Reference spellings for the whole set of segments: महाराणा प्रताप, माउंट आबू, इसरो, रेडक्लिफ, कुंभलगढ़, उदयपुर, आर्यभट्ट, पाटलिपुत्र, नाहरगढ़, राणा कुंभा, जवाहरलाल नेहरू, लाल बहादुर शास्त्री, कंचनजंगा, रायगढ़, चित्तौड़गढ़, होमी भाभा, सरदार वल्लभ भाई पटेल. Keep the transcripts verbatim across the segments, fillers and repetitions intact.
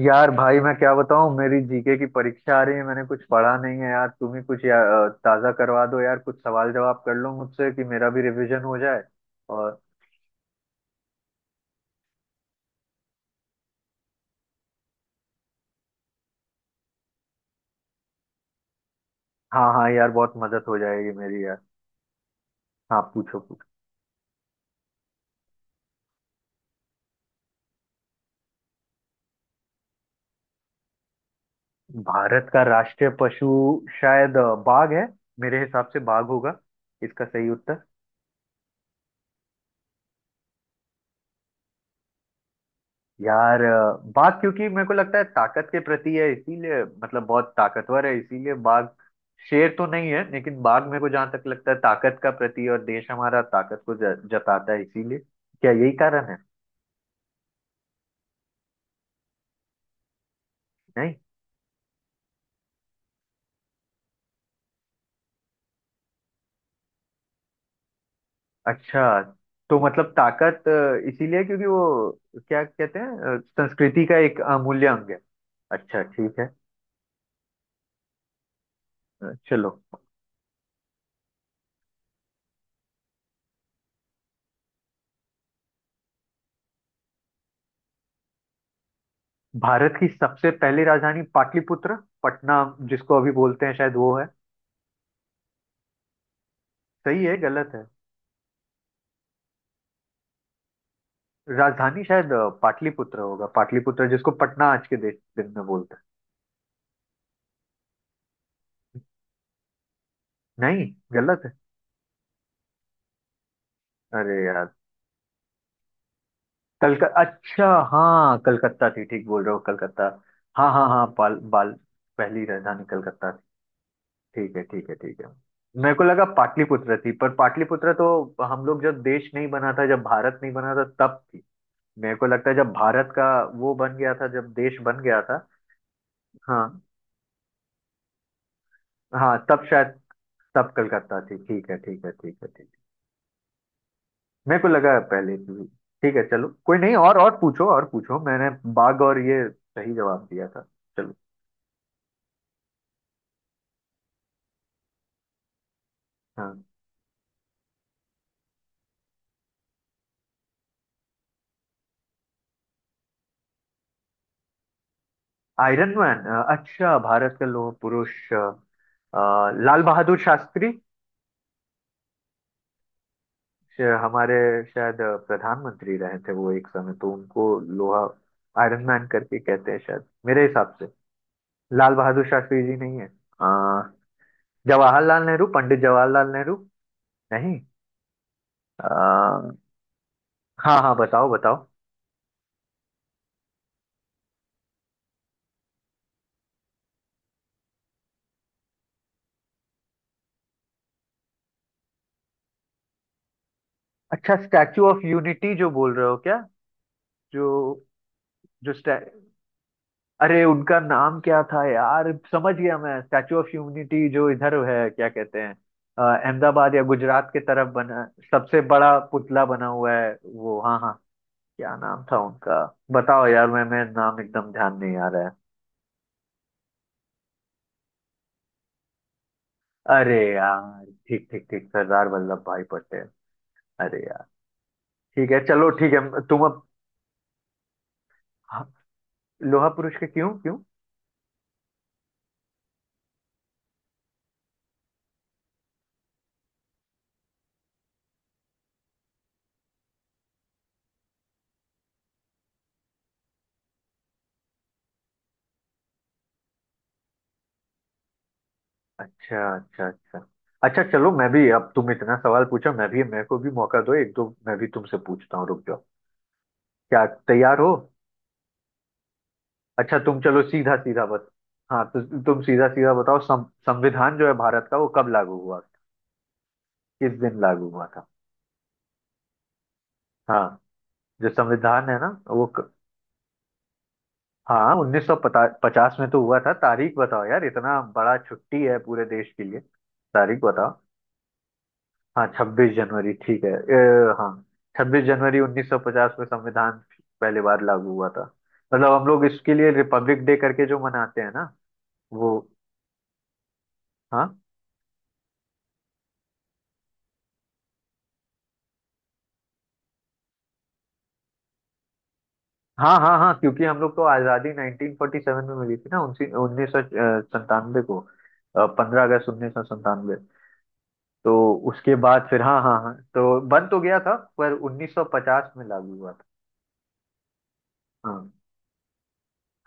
यार भाई मैं क्या बताऊं? मेरी जी के की परीक्षा आ रही है, मैंने कुछ पढ़ा नहीं है यार। तुम ही कुछ या, अ, ताज़ा करवा दो यार। कुछ सवाल जवाब कर लो मुझसे कि मेरा भी रिवीजन हो जाए। और हाँ हाँ यार, बहुत मदद हो जाएगी मेरी यार। हाँ पूछो पूछो। भारत का राष्ट्रीय पशु शायद अ, बाघ है। मेरे हिसाब से बाघ होगा। इसका सही उत्तर। यार अ, बाघ, क्योंकि मेरे को लगता है ताकत के प्रति है इसीलिए, मतलब बहुत ताकतवर है इसीलिए बाघ। शेर तो नहीं है लेकिन बाघ। मेरे को जहां तक लगता है ताकत का प्रति है, और देश हमारा ताकत को ज- जताता है इसीलिए। क्या यही कारण है? नहीं। अच्छा। तो मतलब ताकत अ, इसीलिए, क्योंकि वो क्या कहते हैं अ, संस्कृति का एक अमूल्य अंग है। अच्छा ठीक है। अ, चलो। भारत की सबसे पहली राजधानी पाटलिपुत्र, पटना जिसको अभी बोलते हैं, शायद वो है। सही है गलत है? राजधानी शायद अ, पाटलिपुत्र होगा, पाटलिपुत्र जिसको पटना आज के दे- दिन में बोलते हैं। नहीं। गलत है। अरे यार। कलक अच्छा। हाँ कलकत्ता थी, ठीक बोल रहे हो कलकत्ता। हाँ हाँ हाँ, पाल बाल। पहली राजधानी कलकत्ता थी। ठीक है ठीक है ठीक है। मेरे को लगा पाटलिपुत्र थी, पर पाटलिपुत्र तो हम लोग जब देश नहीं बना था, जब भारत नहीं बना था तब थी। मेरे को लगता है जब भारत का वो बन गया था, जब देश बन गया था। हाँ। हाँ तब शायद। तब कलकत्ता थी। ठीक है ठीक है ठीक है ठीक। मेरे को लगा पहले से भी। ठीक है चलो कोई नहीं, और और पूछो और पूछो। मैंने बाघ और ये सही जवाब दिया था। चलो। हाँ। Iron man. अच्छा, भारत के लोह पुरुष अ, अ, लाल बहादुर शास्त्री। श- हमारे शायद अ, प्रधानमंत्री रहे थे वो एक समय, तो उनको लोहा आयरन मैन करके कहते हैं शायद, मेरे हिसाब से। लाल बहादुर शास्त्री जी नहीं है? अ, जवाहरलाल नेहरू, पंडित जवाहरलाल नेहरू। नहीं। अ, हाँ हाँ बताओ बताओ। अच्छा स्टैचू ऑफ यूनिटी जो बोल रहे हो क्या? जो जो स्टै... अरे उनका नाम क्या था यार। समझ गया मैं, स्टैचू ऑफ यूनिटी जो इधर है क्या कहते हैं, अ, अहमदाबाद या गुजरात के तरफ बना। सबसे बड़ा पुतला बना हुआ है वो। हाँ हाँ। क्या नाम था उनका? बताओ यार, मैं मैं नाम एकदम ध्यान नहीं आ रहा है। अरे यार ठीक ठीक ठीक, सरदार वल्लभ भाई पटेल। अरे यार। ठीक है चलो ठीक है तुम अब। हाँ, लोहा पुरुष के क्यों क्यों? अच्छा अच्छा अच्छा। अच्छा चलो मैं भी अब, तुम इतना सवाल पूछा, मैं भी, मेरे को भी मौका दो एक दो, मैं भी तुमसे पूछता हूँ। रुक जाओ, क्या तैयार हो? अच्छा तुम चलो सीधा सीधा बस। हाँ तो तुम सीधा सीधा बताओ, सं, संविधान जो है भारत का वो कब लागू हुआ? किस दिन लागू हुआ था? हाँ, जो संविधान है ना वो क, हाँ उन्नीस सौ पचास में तो हुआ था। तारीख बताओ यार, इतना बड़ा छुट्टी है पूरे देश के लिए। तारीख बताओ। हाँ छब्बीस जनवरी ठीक है, ए, हाँ। छब्बीस जनवरी उन्नीस सौ पचास में संविधान पहली बार लागू हुआ था। मतलब हम लोग इसके लिए रिपब्लिक डे करके जो मनाते हैं ना वो। हाँ हाँ हाँ हाँ, क्योंकि हम लोग को आज़ादी नाइनटीन फोर्टी सेवन में मिली थी ना, उन्नीस सौ संतानवे को। पंद्रह अगस्त उन्नीस सौ संतानवे। तो उसके बाद फिर हाँ हाँ हाँ, तो बंद तो गया था, पर उन्नीस सौ पचास में लागू हुआ था। हाँ।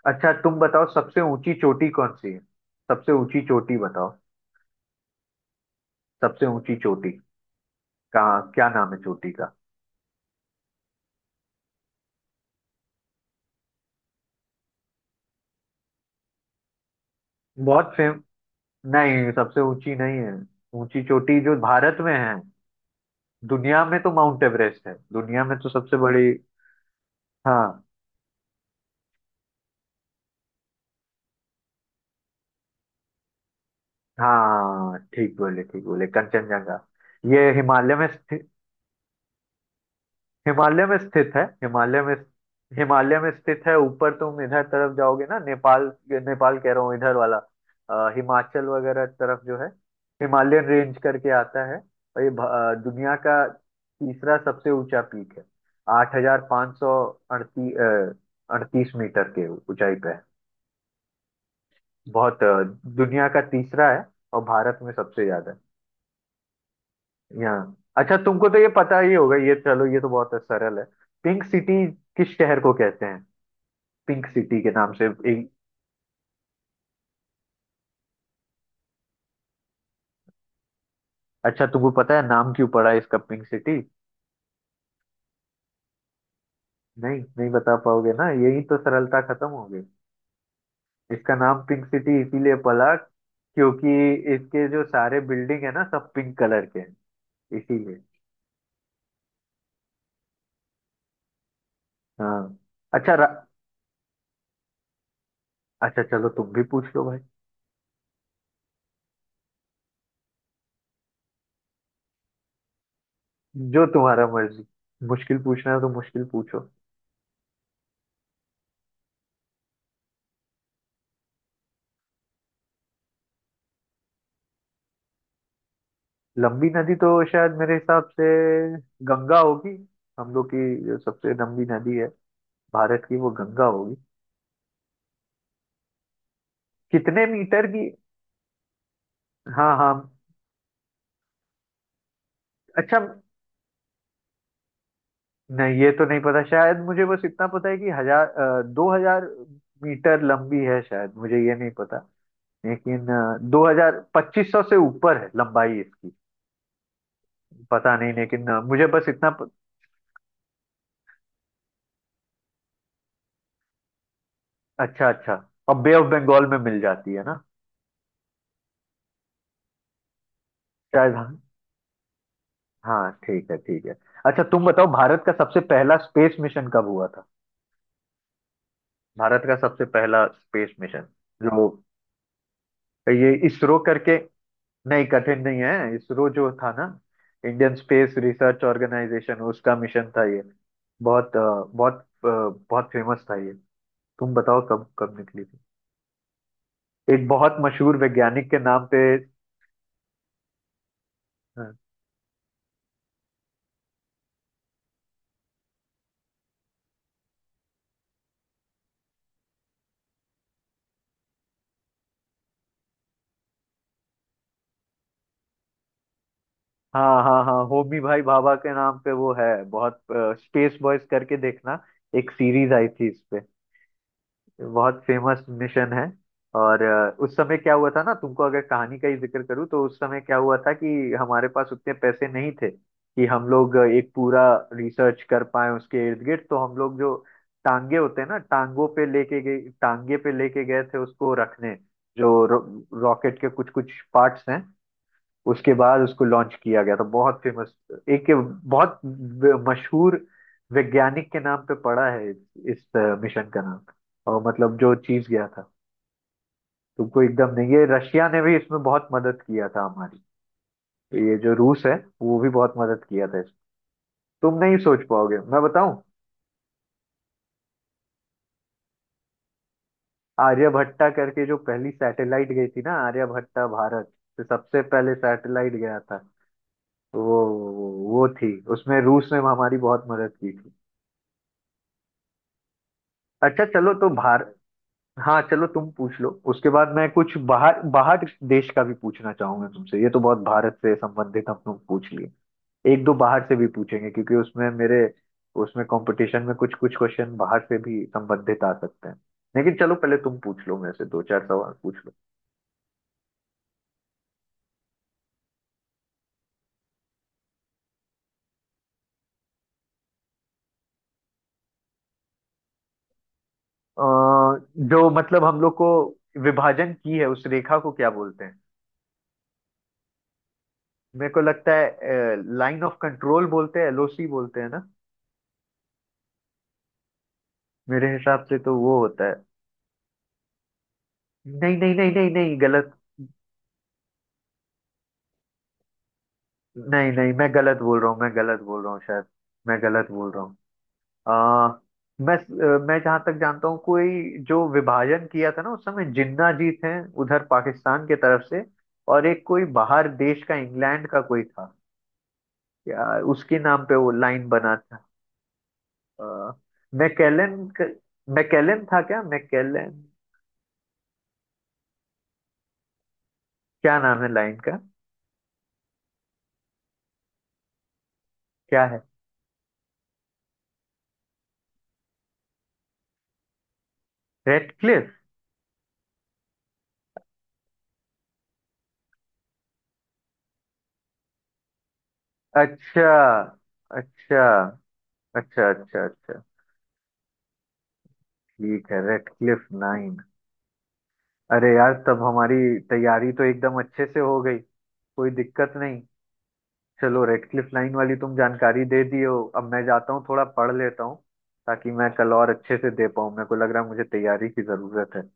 अच्छा तुम बताओ, सबसे ऊंची चोटी कौन सी है? सबसे ऊंची चोटी बताओ। सबसे ऊंची चोटी। कहाँ, क्या नाम है चोटी का? बहुत फेम। नहीं सबसे ऊंची नहीं है। ऊंची चोटी जो भारत में है। दुनिया में तो माउंट एवरेस्ट है, दुनिया में तो सबसे बड़ी। हाँ हाँ। हाँ, ठीक बोले ठीक बोले, कंचनजंगा। ये हिमालय में स्थित। हिमालय में स्थित है, हिमालय में। हिमालय में स्थित है। ऊपर तुम इधर तरफ जाओगे ना नेपाल, नेपाल कह रहा हूँ इधर वाला, अ, हिमाचल वगैरह तरफ जो है, हिमालयन रेंज करके आता है। और ये भ- अ, दुनिया का तीसरा सबसे ऊंचा पीक है। आठ हजार पाँच सौ अड़ती अड़तीस मीटर के ऊंचाई पे है। बहुत अ, दुनिया का तीसरा है, और भारत में सबसे ज्यादा है यहाँ। अच्छा तुमको तो ये पता ही होगा ये, चलो ये तो बहुत सरल है। पिंक सिटी किस शहर को कहते हैं, पिंक सिटी के नाम से? एक। अच्छा तुमको पता है नाम क्यों पड़ा है इसका पिंक सिटी? नहीं नहीं बता पाओगे ना, यही तो सरलता खत्म हो गई। इसका नाम पिंक सिटी इसीलिए पड़ा क्योंकि इसके जो सारे बिल्डिंग है ना सब पिंक कलर के हैं, इसीलिए। हाँ। अच्छा रा... अच्छा चलो तुम भी पूछ लो भाई। जो तुम्हारा मर्जी। मुश्किल पूछना है तो मुश्किल पूछो। लंबी नदी तो शायद मेरे हिसाब से गंगा होगी। हम लोग की जो सबसे लंबी नदी है भारत की वो गंगा होगी। कितने मीटर की? हाँ हाँ। अच्छा। नहीं ये तो नहीं पता। शायद मुझे बस इतना पता है कि हजार अ, दो हजार मीटर लंबी है शायद, मुझे ये नहीं पता। लेकिन अ, दो हजार पच्चीस सौ से ऊपर है लंबाई इसकी। पता नहीं लेकिन अ, मुझे बस इतना प... अच्छा अच्छा। और बे ऑफ बंगाल में मिल जाती है ना? शायद हाँ। हाँ ठीक है ठीक है। अच्छा तुम बताओ, भारत का सबसे पहला स्पेस मिशन कब हुआ था? भारत का सबसे पहला स्पेस मिशन जो ये इसरो करके। नहीं कठिन नहीं है, इसरो जो था ना, इंडियन स्पेस रिसर्च ऑर्गेनाइजेशन, उसका मिशन था ये। बहुत अ, बहुत अ, बहुत फेमस था ये। तुम बताओ कब कब निकली थी? एक बहुत मशहूर वैज्ञानिक के नाम पे। हाँ हाँ हाँ, होमी भाई भाभा के नाम पे वो है। बहुत, स्पेस बॉयज करके देखना, एक सीरीज आई थी इस पे। बहुत फेमस मिशन है। और अ, उस समय क्या हुआ था ना, तुमको अगर कहानी का ही जिक्र करूँ, तो उस समय क्या हुआ था कि हमारे पास उतने पैसे नहीं थे कि हम लोग एक पूरा रिसर्च कर पाए उसके इर्द गिर्द। तो हम लोग जो टांगे होते हैं ना टांगों पे लेके गए, टांगे पे लेके गए थे उसको रखने, जो रॉकेट के कुछ कुछ पार्ट्स हैं। उसके बाद उसको लॉन्च किया गया था। बहुत फेमस एक बहुत मशहूर वैज्ञानिक के नाम पे पड़ा है इस मिशन का नाम। और मतलब जो चीज गया था, तुमको एकदम नहीं, ये रशिया ने भी इसमें बहुत मदद किया था हमारी। तो ये जो रूस है वो भी बहुत मदद किया था इसमें। तुम नहीं सोच पाओगे, मैं बताऊं। आर्यभट्टा करके जो पहली सैटेलाइट गई थी ना, आर्यभट्टा भारत से सबसे पहले सैटेलाइट गया था। वो वो वो थी। उसमें रूस ने हमारी बहुत मदद की थी। अच्छा चलो तो भार। हाँ चलो तुम पूछ लो, उसके बाद मैं कुछ बाहर बाहर देश का भी पूछना चाहूंगा तुमसे। ये तो बहुत भारत से संबंधित हम लोग पूछ लिए। एक दो बाहर से भी पूछेंगे, क्योंकि उसमें मेरे, उसमें कंपटीशन में कुछ कुछ क्वेश्चन बाहर से भी संबंधित आ सकते हैं। लेकिन चलो पहले तुम पूछ लो, मेरे से दो चार सवाल पूछ लो। अ, जो मतलब हम लोग को विभाजन की है, उस रेखा को क्या बोलते हैं? मेरे को लगता है लाइन ऑफ कंट्रोल बोलते हैं, एल ओ सी बोलते हैं ना, मेरे हिसाब से तो वो होता है। नहीं नहीं नहीं नहीं नहीं, गलत। नहीं नहीं मैं गलत बोल रहा हूँ, मैं गलत बोल रहा हूँ शायद, मैं गलत बोल रहा हूँ। आ, मैं अ, मैं जहां तक जानता हूँ, कोई जो विभाजन किया था ना उस समय, जिन्ना जी थे उधर पाकिस्तान के तरफ से, और एक कोई बाहर देश का, इंग्लैंड का कोई था, या उसके नाम पे वो लाइन बना था। आ, मैकेलन क- मैकेलन था क्या, मैकेलन? क्या नाम है लाइन का? क्या है? रेडक्लिफ। अच्छा अच्छा अच्छा, अच्छा अच्छा। ठीक है रेडक्लिफ लाइन। अरे यार तब हमारी तैयारी तो एकदम अच्छे से हो गई, कोई दिक्कत नहीं। चलो रेडक्लिफ लाइन वाली तुम जानकारी दे दिए हो, अब मैं जाता हूँ थोड़ा पढ़ लेता हूँ, ताकि मैं कल और अच्छे से दे पाऊँ। मेरे को लग रहा है मुझे तैयारी की जरूरत है।